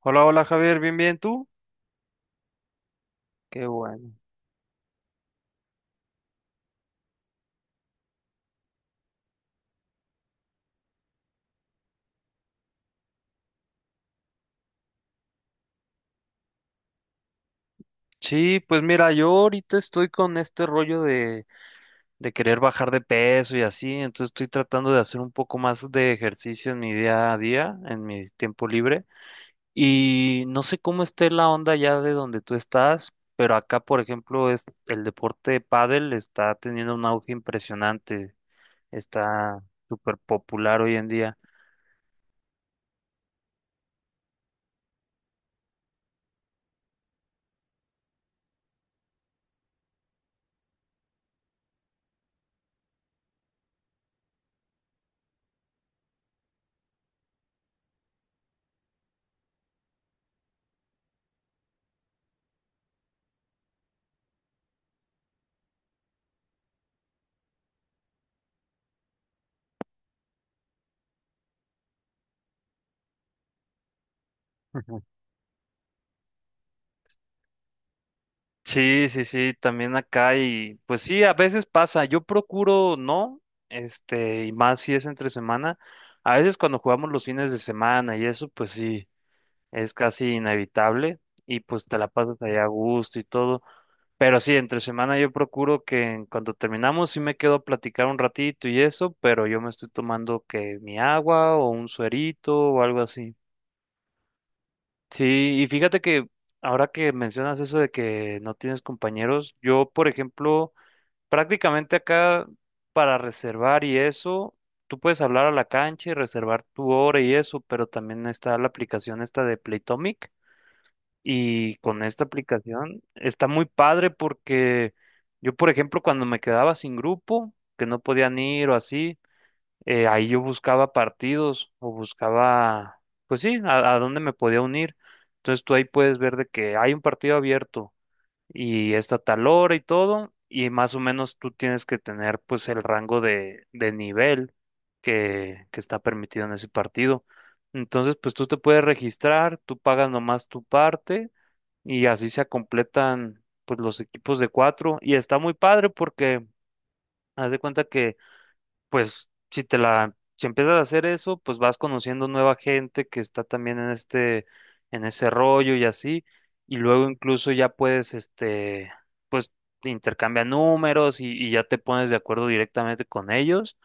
Hola, hola Javier, bien, bien, ¿tú? Qué bueno. Sí, pues mira, yo ahorita estoy con este rollo de querer bajar de peso y así, entonces estoy tratando de hacer un poco más de ejercicio en mi día a día, en mi tiempo libre. Y no sé cómo esté la onda ya de donde tú estás, pero acá, por ejemplo, es el deporte de pádel está teniendo un auge impresionante, está súper popular hoy en día. Sí, sí, sí, también acá y pues sí, a veces pasa, yo procuro no, y más si es entre semana, a veces cuando jugamos los fines de semana y eso, pues sí, es casi inevitable y pues te la pasas allá a gusto y todo, pero sí, entre semana yo procuro que en cuanto terminamos sí me quedo a platicar un ratito y eso, pero yo me estoy tomando que mi agua o un suerito o algo así. Sí, y fíjate que ahora que mencionas eso de que no tienes compañeros, yo, por ejemplo, prácticamente acá para reservar y eso, tú puedes hablar a la cancha y reservar tu hora y eso, pero también está la aplicación esta de Playtomic y con esta aplicación está muy padre porque yo, por ejemplo, cuando me quedaba sin grupo, que no podían ir o así, ahí yo buscaba partidos o buscaba, pues sí, a dónde me podía unir. Entonces tú ahí puedes ver de que hay un partido abierto y está tal hora y todo, y más o menos tú tienes que tener pues el rango de nivel que está permitido en ese partido. Entonces pues tú te puedes registrar, tú pagas nomás tu parte y así se completan pues los equipos de cuatro y está muy padre porque haz de cuenta que pues si te la, si empiezas a hacer eso, pues vas conociendo nueva gente que está también en este, en ese rollo y así, y luego incluso ya puedes, pues intercambia números y ya te pones de acuerdo directamente con ellos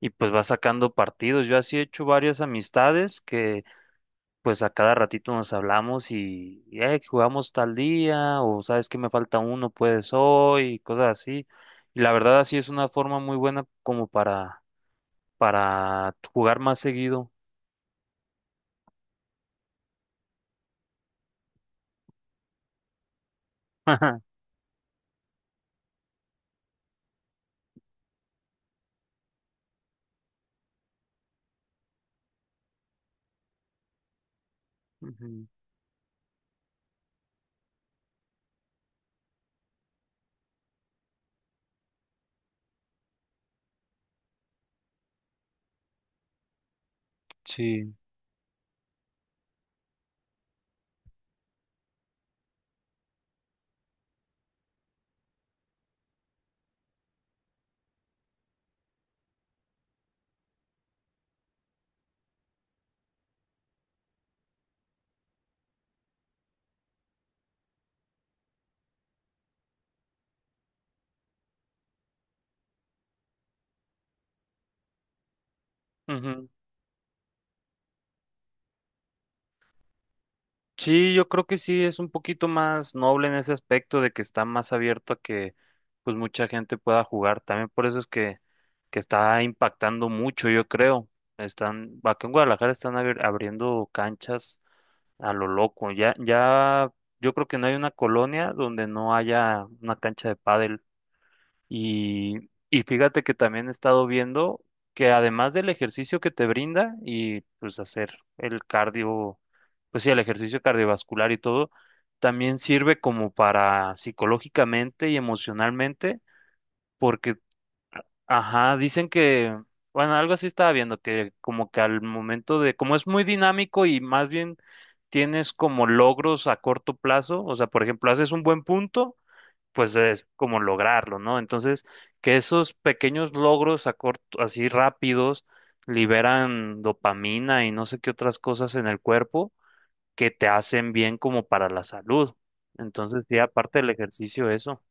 y pues vas sacando partidos. Yo así he hecho varias amistades que pues a cada ratito nos hablamos y, jugamos tal día o sabes que me falta uno, puedes hoy y cosas así. Y la verdad así es una forma muy buena como para jugar más seguido. Ujú. Sí. Ujú. Sí, yo creo que sí es un poquito más noble en ese aspecto de que está más abierto a que pues mucha gente pueda jugar. También por eso es que está impactando mucho, yo creo. Están, acá en Guadalajara están abriendo canchas a lo loco. Ya, ya, yo creo que no hay una colonia donde no haya una cancha de pádel. Y fíjate que también he estado viendo que además del ejercicio que te brinda y pues hacer el cardio, pues sí, el ejercicio cardiovascular y todo, también sirve como para psicológicamente y emocionalmente, porque, ajá, dicen que, bueno, algo así estaba viendo, que como que al momento de, como es muy dinámico y más bien tienes como logros a corto plazo, o sea, por ejemplo, haces un buen punto pues es como lograrlo, ¿no? Entonces, que esos pequeños logros así rápidos liberan dopamina y no sé qué otras cosas en el cuerpo que te hacen bien como para la salud. Entonces, sí, aparte del ejercicio, eso.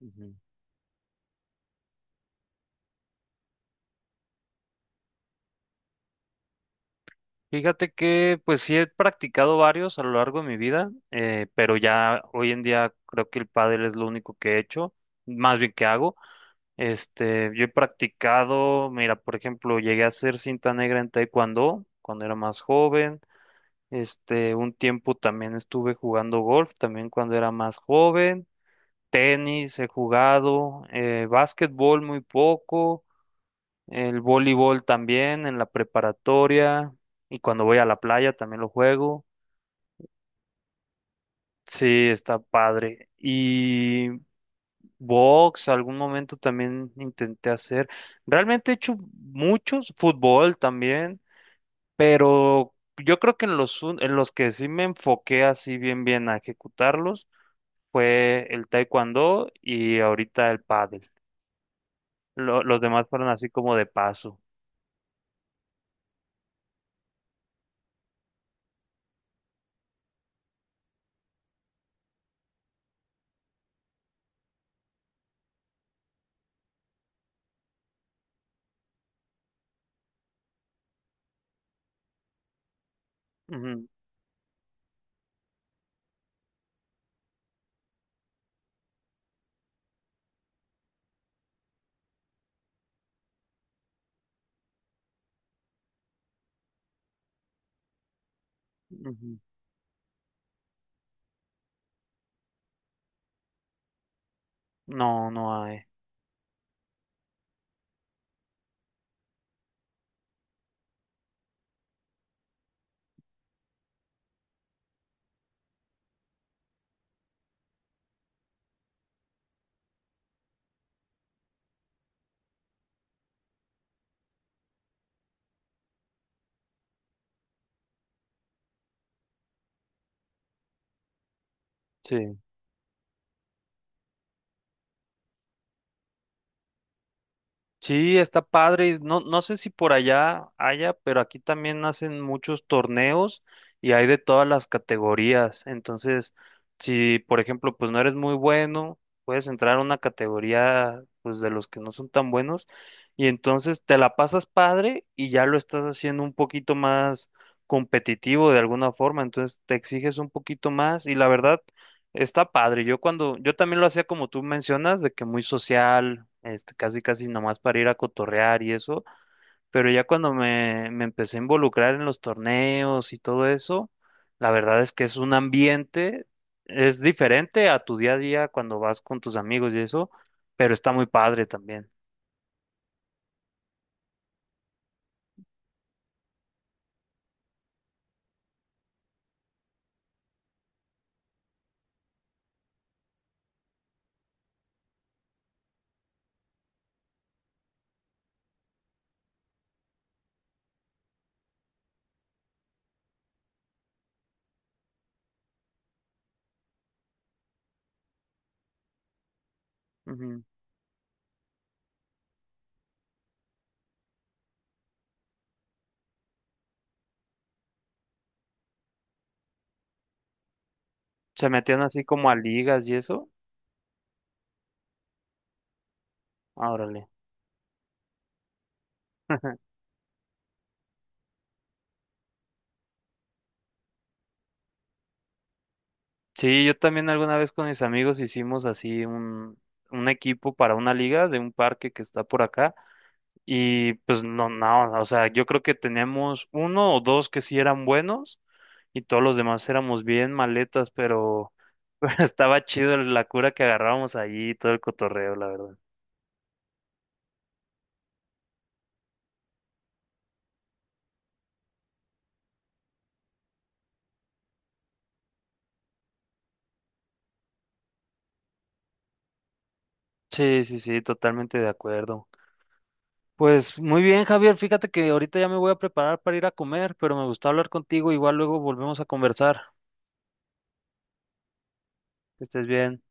Ujú. Fíjate que pues sí he practicado varios a lo largo de mi vida, pero ya hoy en día creo que el pádel es lo único que he hecho, más bien que hago. Yo he practicado, mira, por ejemplo, llegué a ser cinta negra en taekwondo cuando era más joven. Un tiempo también estuve jugando golf, también cuando era más joven. Tenis he jugado, básquetbol muy poco, el voleibol también en la preparatoria y cuando voy a la playa también lo juego. Sí, está padre. Y Box, algún momento también intenté hacer. Realmente he hecho muchos, fútbol también, pero yo creo que en los, en los que sí me enfoqué así bien bien a ejecutarlos fue el taekwondo y ahorita el pádel. Los demás fueron así como de paso. Ujú, ujú. No, no hay. Sí. Sí, está padre. No, no sé si por allá haya, pero aquí también hacen muchos torneos y hay de todas las categorías. Entonces, si por ejemplo, pues no eres muy bueno, puedes entrar a una categoría pues de los que no son tan buenos y entonces te la pasas padre y ya lo estás haciendo un poquito más competitivo de alguna forma. Entonces, te exiges un poquito más y la verdad está padre. Yo cuando, yo también lo hacía como tú mencionas, de que muy social, casi casi nomás para ir a cotorrear y eso, pero ya cuando me empecé a involucrar en los torneos y todo eso, la verdad es que es un ambiente, es diferente a tu día a día cuando vas con tus amigos y eso, pero está muy padre también. Ujú. Se metían así como a ligas y eso. Ah, órale. Sí, yo también alguna vez con mis amigos hicimos así un equipo para una liga de un parque que está por acá y pues no, no, o sea, yo creo que teníamos uno o dos que sí eran buenos y todos los demás éramos bien maletas, pero, pero estaba chido la cura que agarrábamos allí y todo el cotorreo, la verdad. Sí, sí, sí, totalmente de acuerdo. Pues muy bien, Javier, fíjate que ahorita ya me voy a preparar para ir a comer, pero me gustó hablar contigo, igual luego volvemos a conversar. Que estés bien.